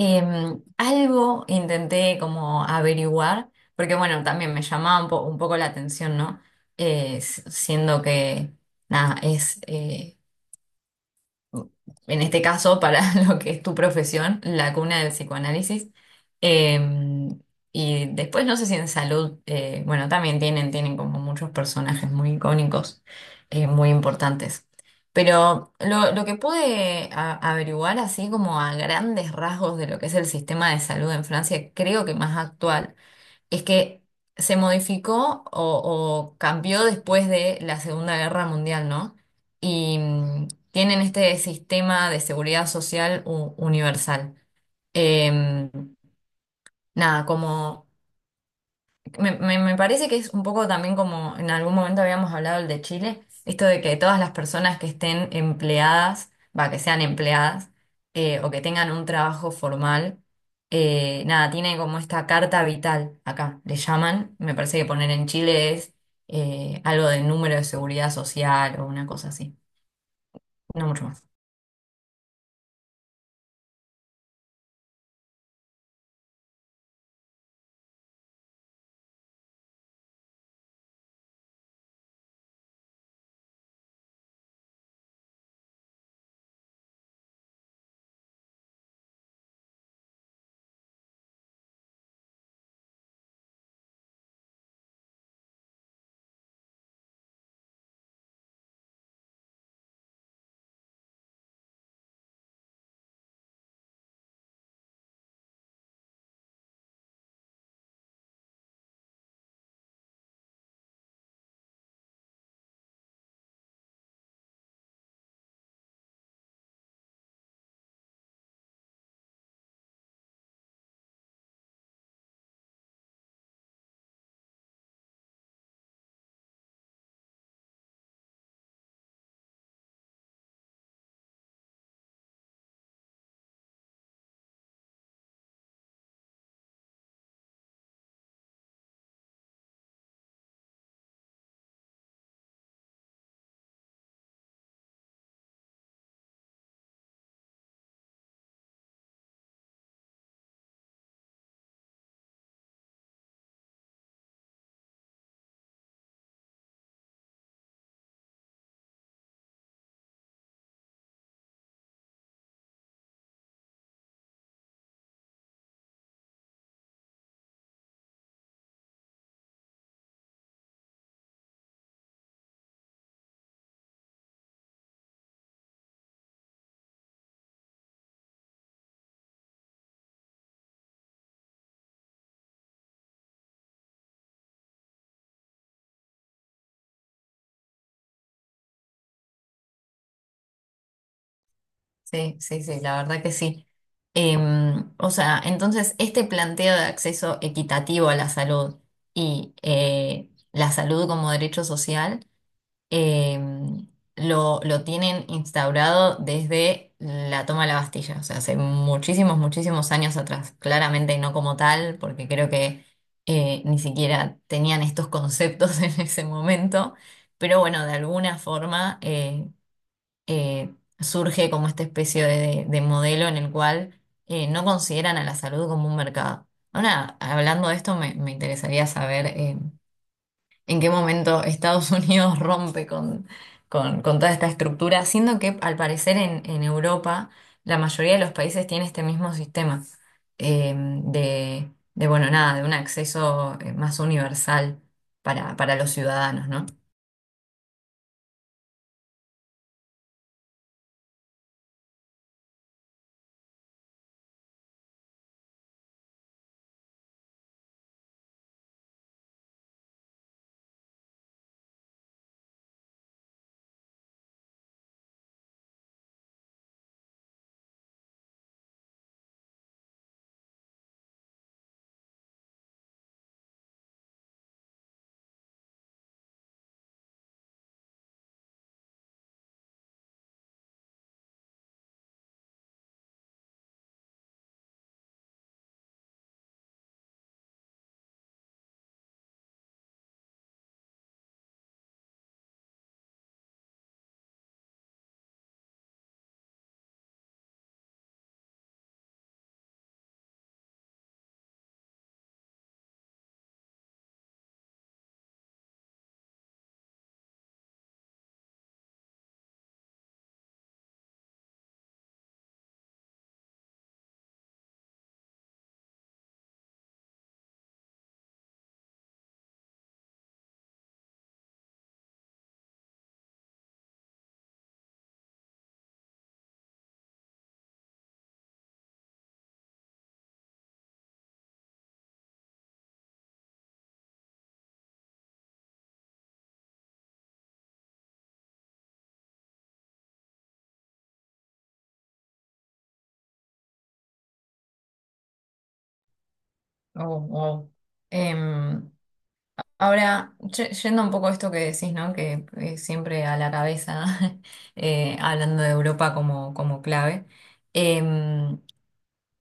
Algo intenté como averiguar, porque bueno, también me llamaba un, un poco la atención, ¿no? Siendo que, nada, es, en este caso para lo que es tu profesión, la cuna del psicoanálisis. Eh, y después no sé si en salud, bueno, también tienen como muchos personajes muy icónicos, muy importantes. Pero lo que pude averiguar así como a grandes rasgos de lo que es el sistema de salud en Francia, creo que más actual, es que se modificó o cambió después de la Segunda Guerra Mundial, ¿no? Y tienen este sistema de seguridad social universal. Em, Nada, como me parece que es un poco también como en algún momento habíamos hablado el de Chile, esto de que todas las personas que estén empleadas, va, que sean empleadas o que tengan un trabajo formal, nada, tiene como esta carta vital acá, le llaman, me parece que poner en Chile es algo de número de seguridad social o una cosa así, no mucho más. Sí, sí, sí, la verdad que sí. O sea, entonces este planteo de acceso equitativo a la salud y la salud como derecho social, em, lo tienen instaurado desde la toma de la Bastilla, o sea, hace muchísimos, muchísimos años atrás. Claramente no como tal, porque creo que ni siquiera tenían estos conceptos en ese momento, pero bueno, de alguna forma eh, surge como esta especie de modelo en el cual no consideran a la salud como un mercado. Ahora, hablando de esto, me interesaría saber en qué momento Estados Unidos rompe con toda esta estructura, siendo que al parecer en Europa la mayoría de los países tiene este mismo sistema bueno, nada, de un acceso más universal para los ciudadanos, ¿no? Oh, wow. Ahora, yendo un poco a esto que decís, ¿no? Que siempre a la cabeza, hablando de Europa como, como clave, em,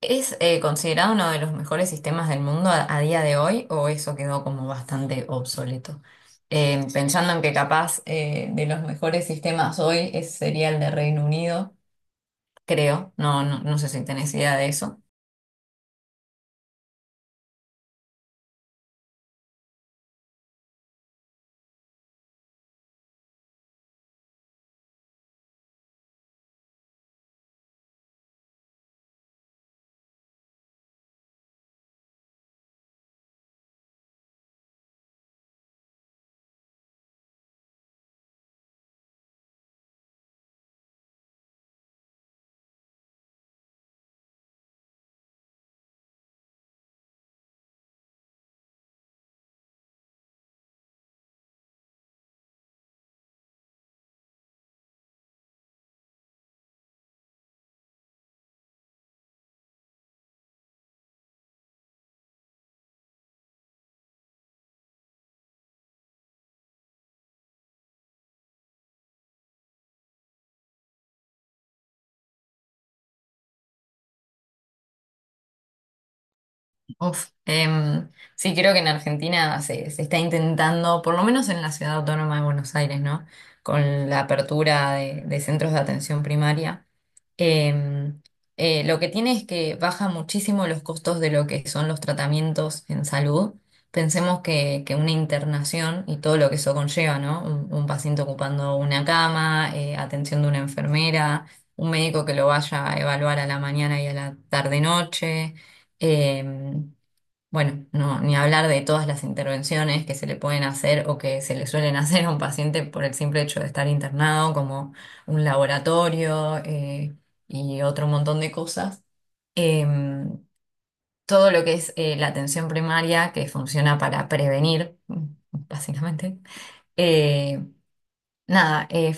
¿es considerado uno de los mejores sistemas del mundo a día de hoy o eso quedó como bastante obsoleto? Pensando en que capaz de los mejores sistemas hoy es, sería el de Reino Unido, creo, no, no, no sé si tenés idea de eso. Uf, sí, creo que en Argentina se está intentando, por lo menos en la Ciudad Autónoma de Buenos Aires, ¿no? Con la apertura de centros de atención primaria. Em, lo que tiene es que baja muchísimo los costos de lo que son los tratamientos en salud. Pensemos que una internación y todo lo que eso conlleva, ¿no? Un paciente ocupando una cama, atención de una enfermera, un médico que lo vaya a evaluar a la mañana y a la tarde-noche. Em, bueno, no, ni hablar de todas las intervenciones que se le pueden hacer o que se le suelen hacer a un paciente por el simple hecho de estar internado, como un laboratorio y otro montón de cosas. Em, Todo lo que es la atención primaria, que funciona para prevenir, mm, básicamente. Eh, nada,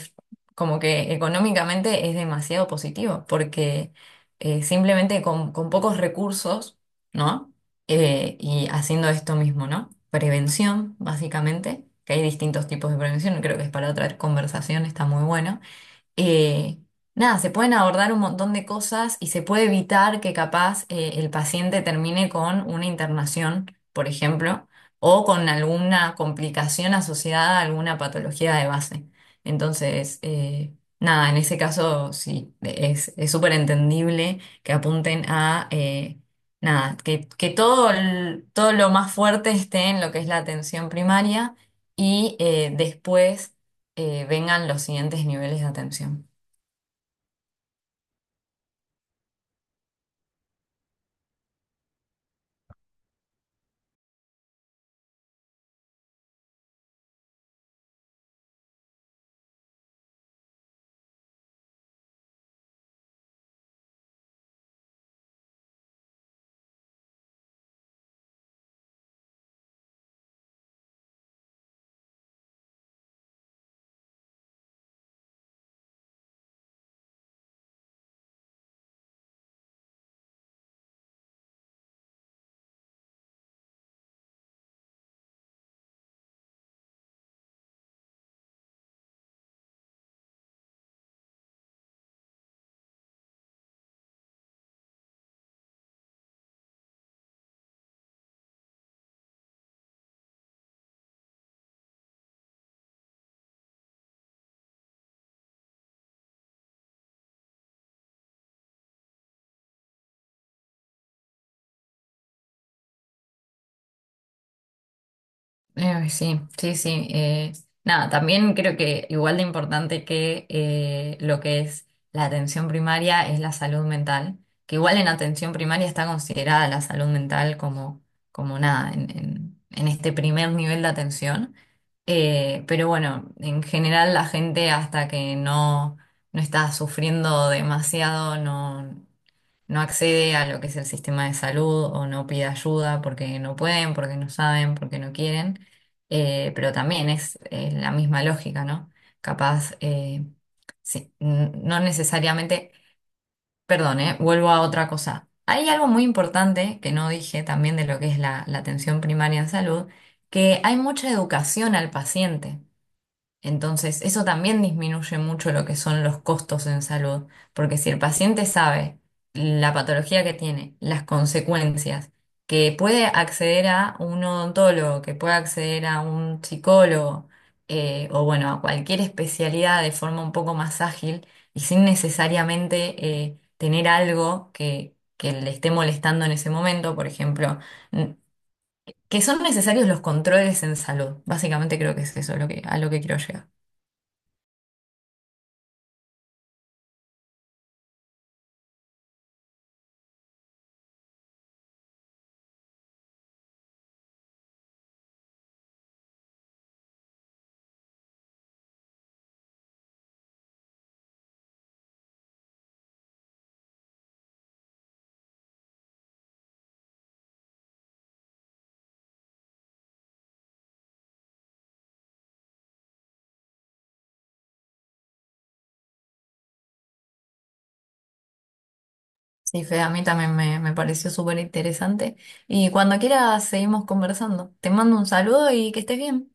Como que económicamente es demasiado positivo, porque simplemente con pocos recursos, ¿no? Y haciendo esto mismo, ¿no? Prevención, básicamente, que hay distintos tipos de prevención, creo que es para otra conversación, está muy bueno. eh, Nada, se pueden abordar un montón de cosas y se puede evitar que capaz el paciente termine con una internación, por ejemplo, o con alguna complicación asociada a alguna patología de base. Entonces, nada, en ese caso sí, es súper entendible que apunten a nada, que todo, todo lo más fuerte esté en lo que es la atención primaria y después vengan los siguientes niveles de atención. Sí, sí, sí. Nada, también creo que igual de importante que lo que es la atención primaria es la salud mental, que igual en atención primaria está considerada la salud mental como, como nada, en este primer nivel de atención. Pero bueno, en general la gente hasta que no está sufriendo demasiado, no accede a lo que es el sistema de salud o no pide ayuda porque no pueden, porque no saben, porque no quieren. Pero también es la misma lógica, ¿no? Capaz, sí, no necesariamente, perdón, vuelvo a otra cosa. Hay algo muy importante que no dije también de lo que es la atención primaria en salud, que hay mucha educación al paciente. Entonces, eso también disminuye mucho lo que son los costos en salud, porque si el paciente sabe la patología que tiene, las consecuencias, que puede acceder a un odontólogo, que puede acceder a un psicólogo, o bueno, a cualquier especialidad de forma un poco más ágil y sin necesariamente tener algo que le esté molestando en ese momento, por ejemplo, n- que son necesarios los controles en salud. Básicamente creo que es eso lo que, a lo que quiero llegar. Sí, Fede, a mí también me pareció súper interesante. Y cuando quieras seguimos conversando. Te mando un saludo y que estés bien.